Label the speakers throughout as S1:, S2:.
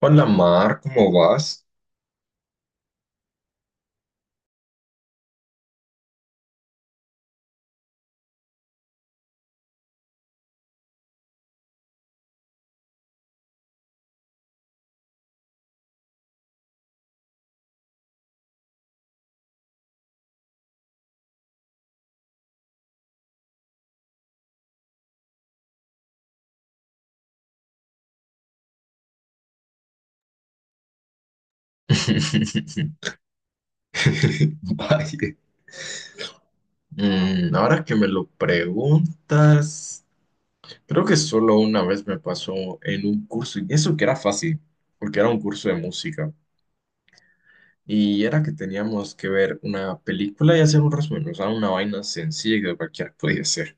S1: Hola Mar, ¿cómo vas? Vaya. Ahora que me lo preguntas, creo que solo una vez me pasó en un curso, y eso que era fácil, porque era un curso de música, y era que teníamos que ver una película y hacer un resumen, o sea, una vaina sencilla que cualquiera podía hacer.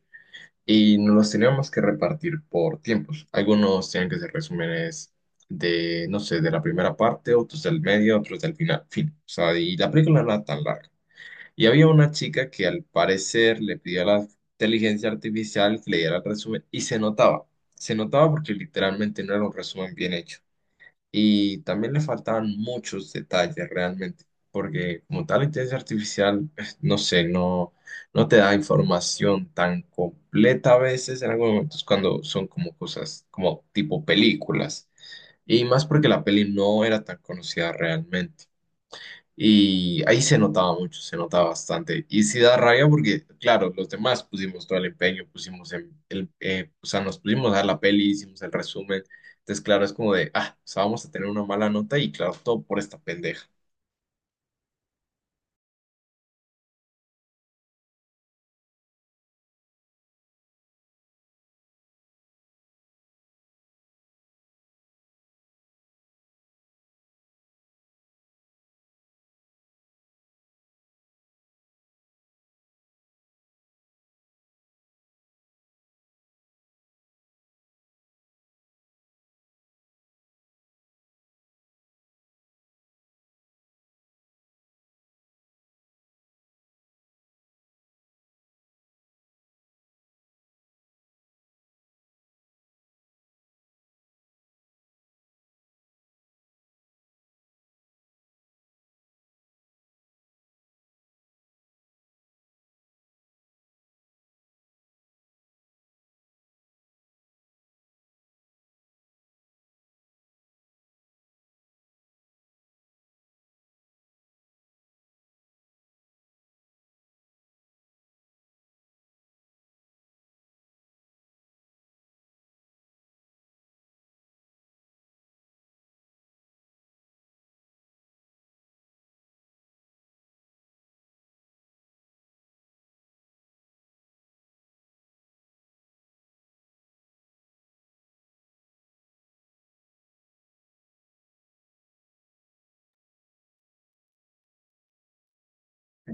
S1: Y nos los teníamos que repartir por tiempos. Algunos tenían que ser resúmenes de, no sé, de la primera parte, otros del medio, otros del final, fin. O sea, y la película no era tan larga. Y había una chica que al parecer le pidió a la inteligencia artificial que le diera el resumen y se notaba porque literalmente no era un resumen bien hecho. Y también le faltaban muchos detalles realmente, porque como tal inteligencia artificial, pues, no sé, no, no te da información tan completa a veces en algunos momentos cuando son como cosas como tipo películas. Y más porque la peli no era tan conocida realmente. Y ahí se notaba mucho, se notaba bastante. Y sí da rabia porque, claro, los demás pusimos todo el empeño, pusimos el, o sea, nos pusimos a ver la peli, hicimos el resumen. Entonces, claro, es como de, ah, o sea, vamos a tener una mala nota y claro, todo por esta pendeja.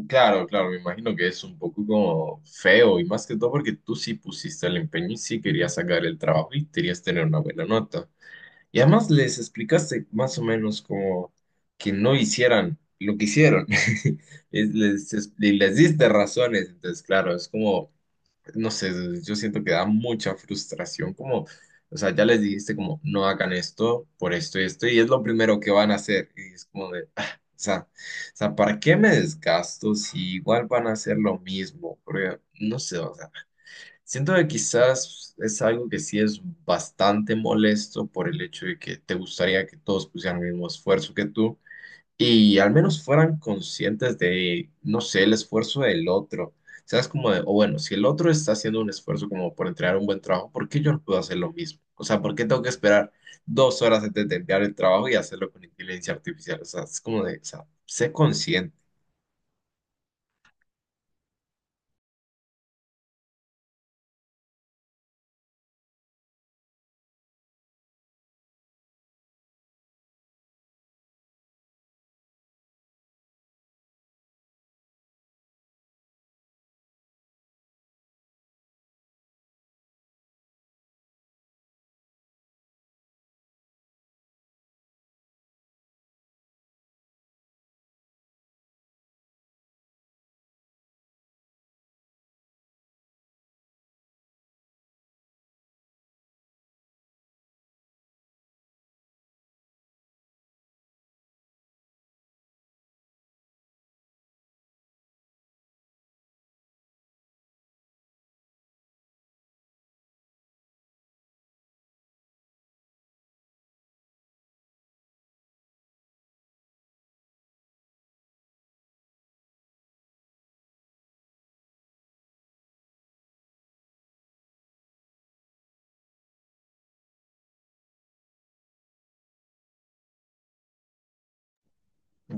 S1: Claro, claro, me imagino que es un poco como feo y más que todo porque tú sí pusiste el empeño y sí querías sacar el trabajo y querías tener una buena nota. Y además les explicaste más o menos como que no hicieran lo que hicieron. Y les diste razones. Entonces, claro, es como, no sé, yo siento que da mucha frustración. Como, o sea, ya les dijiste como, no hagan esto por esto y esto, y es lo primero que van a hacer. Y es como de, ah, o sea, ¿para qué me desgasto si igual van a hacer lo mismo? Porque, no sé, o sea. Siento que quizás es algo que sí es bastante molesto por el hecho de que te gustaría que todos pusieran el mismo esfuerzo que tú y al menos fueran conscientes de, no sé, el esfuerzo del otro. O sea, es como de, o bueno, si el otro está haciendo un esfuerzo como por entregar un buen trabajo, ¿por qué yo no puedo hacer lo mismo? O sea, ¿por qué tengo que esperar 2 horas antes de enviar el trabajo y hacerlo con inteligencia artificial? O sea, es como de, o sea, sé consciente.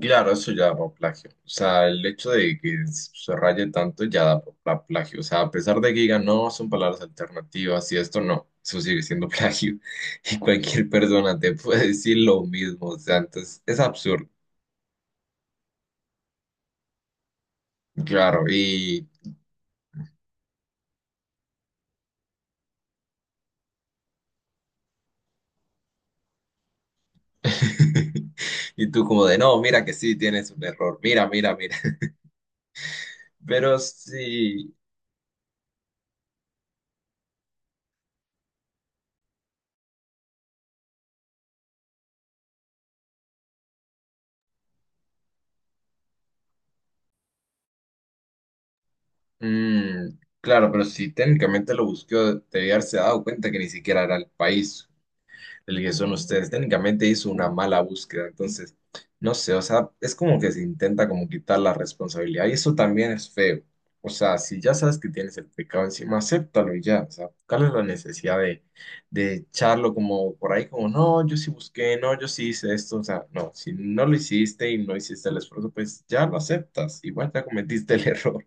S1: Claro, eso ya da por plagio. O sea, el hecho de que se raye tanto ya da por plagio. O sea, a pesar de que digan, no, son palabras alternativas y esto no, eso sigue siendo plagio. Y cualquier persona te puede decir lo mismo. O sea, entonces es absurdo. Claro, y, y tú como de, no, mira que sí, tienes un error. Mira, mira, mira. Pero sí, mm, claro, pero si técnicamente lo busquó, debía haberse dado cuenta que ni siquiera era el país. El que son ustedes. Técnicamente hizo una mala búsqueda, entonces, no sé, o sea, es como que se intenta como quitar la responsabilidad y eso también es feo. O sea, si ya sabes que tienes el pecado encima, acéptalo y ya. O sea, ¿cuál es la necesidad de echarlo como por ahí, como, no, yo sí busqué, no, yo sí hice esto? O sea, no, si no lo hiciste y no hiciste el esfuerzo, pues ya lo aceptas. Igual ya cometiste el error.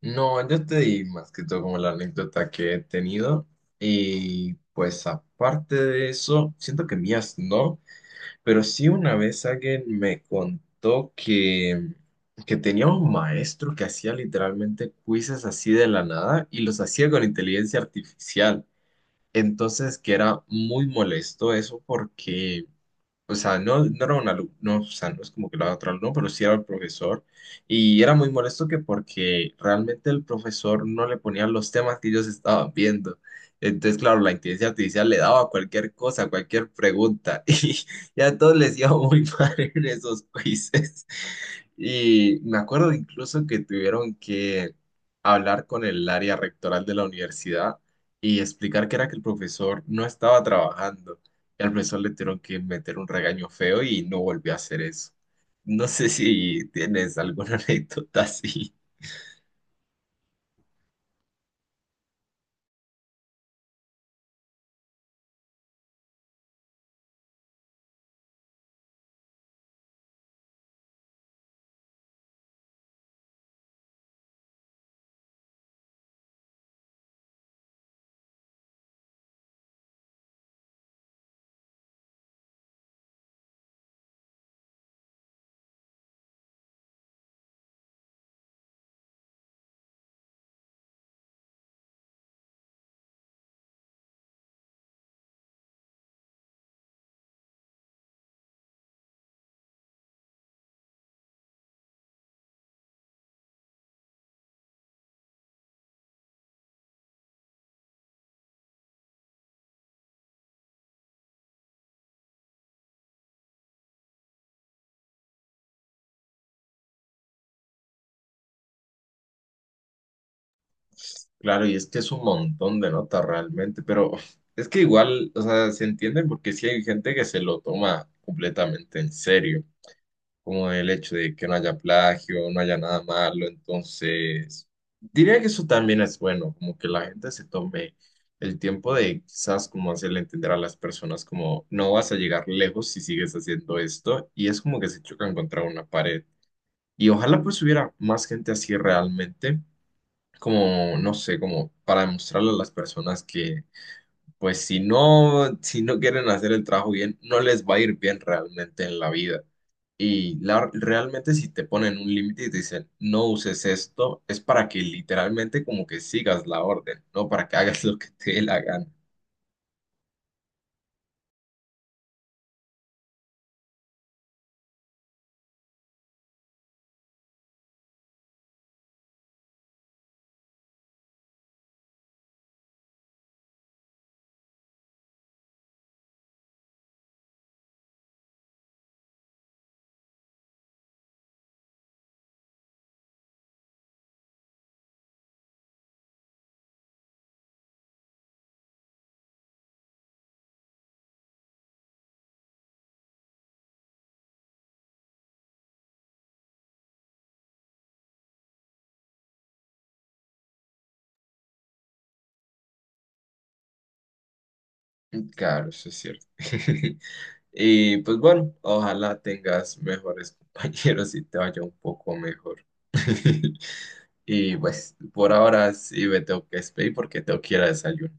S1: No, yo te di más que todo como la anécdota que he tenido y pues aparte de eso, siento que mías no, pero sí una vez alguien me contó que tenía un maestro que hacía literalmente quizzes así de la nada y los hacía con inteligencia artificial. Entonces que era muy molesto eso porque o sea, no, no era un alumno, no, o sea, no es como que lo haga otro alumno, pero sí era el profesor. Y era muy molesto que porque realmente el profesor no le ponía los temas que ellos estaban viendo. Entonces, claro, la inteligencia artificial le daba cualquier cosa, cualquier pregunta. Y ya a todos les iba muy mal en esos quizzes. Y me acuerdo incluso que tuvieron que hablar con el área rectoral de la universidad y explicar que era que el profesor no estaba trabajando al profesor le tuvieron que meter un regaño feo y no volvió a hacer eso. No sé si tienes alguna anécdota así. Claro, y es que es un montón de notas realmente, pero es que igual, o sea, se entiende porque sí hay gente que se lo toma completamente en serio. Como el hecho de que no haya plagio, no haya nada malo. Entonces, diría que eso también es bueno, como que la gente se tome el tiempo de quizás como hacerle entender a las personas como no vas a llegar lejos si sigues haciendo esto y es como que se chocan contra una pared. Y ojalá pues hubiera más gente así realmente, como, no sé, como para demostrarle a las personas que pues si no, si no quieren hacer el trabajo bien, no les va a ir bien realmente en la vida. Y realmente si te ponen un límite y te dicen, no uses esto, es para que literalmente como que sigas la orden, no para que hagas lo que te dé la gana. Claro, eso es cierto. Y pues bueno, ojalá tengas mejores compañeros y te vaya un poco mejor. Y pues por ahora sí me tengo que despedir porque tengo que ir a desayunar.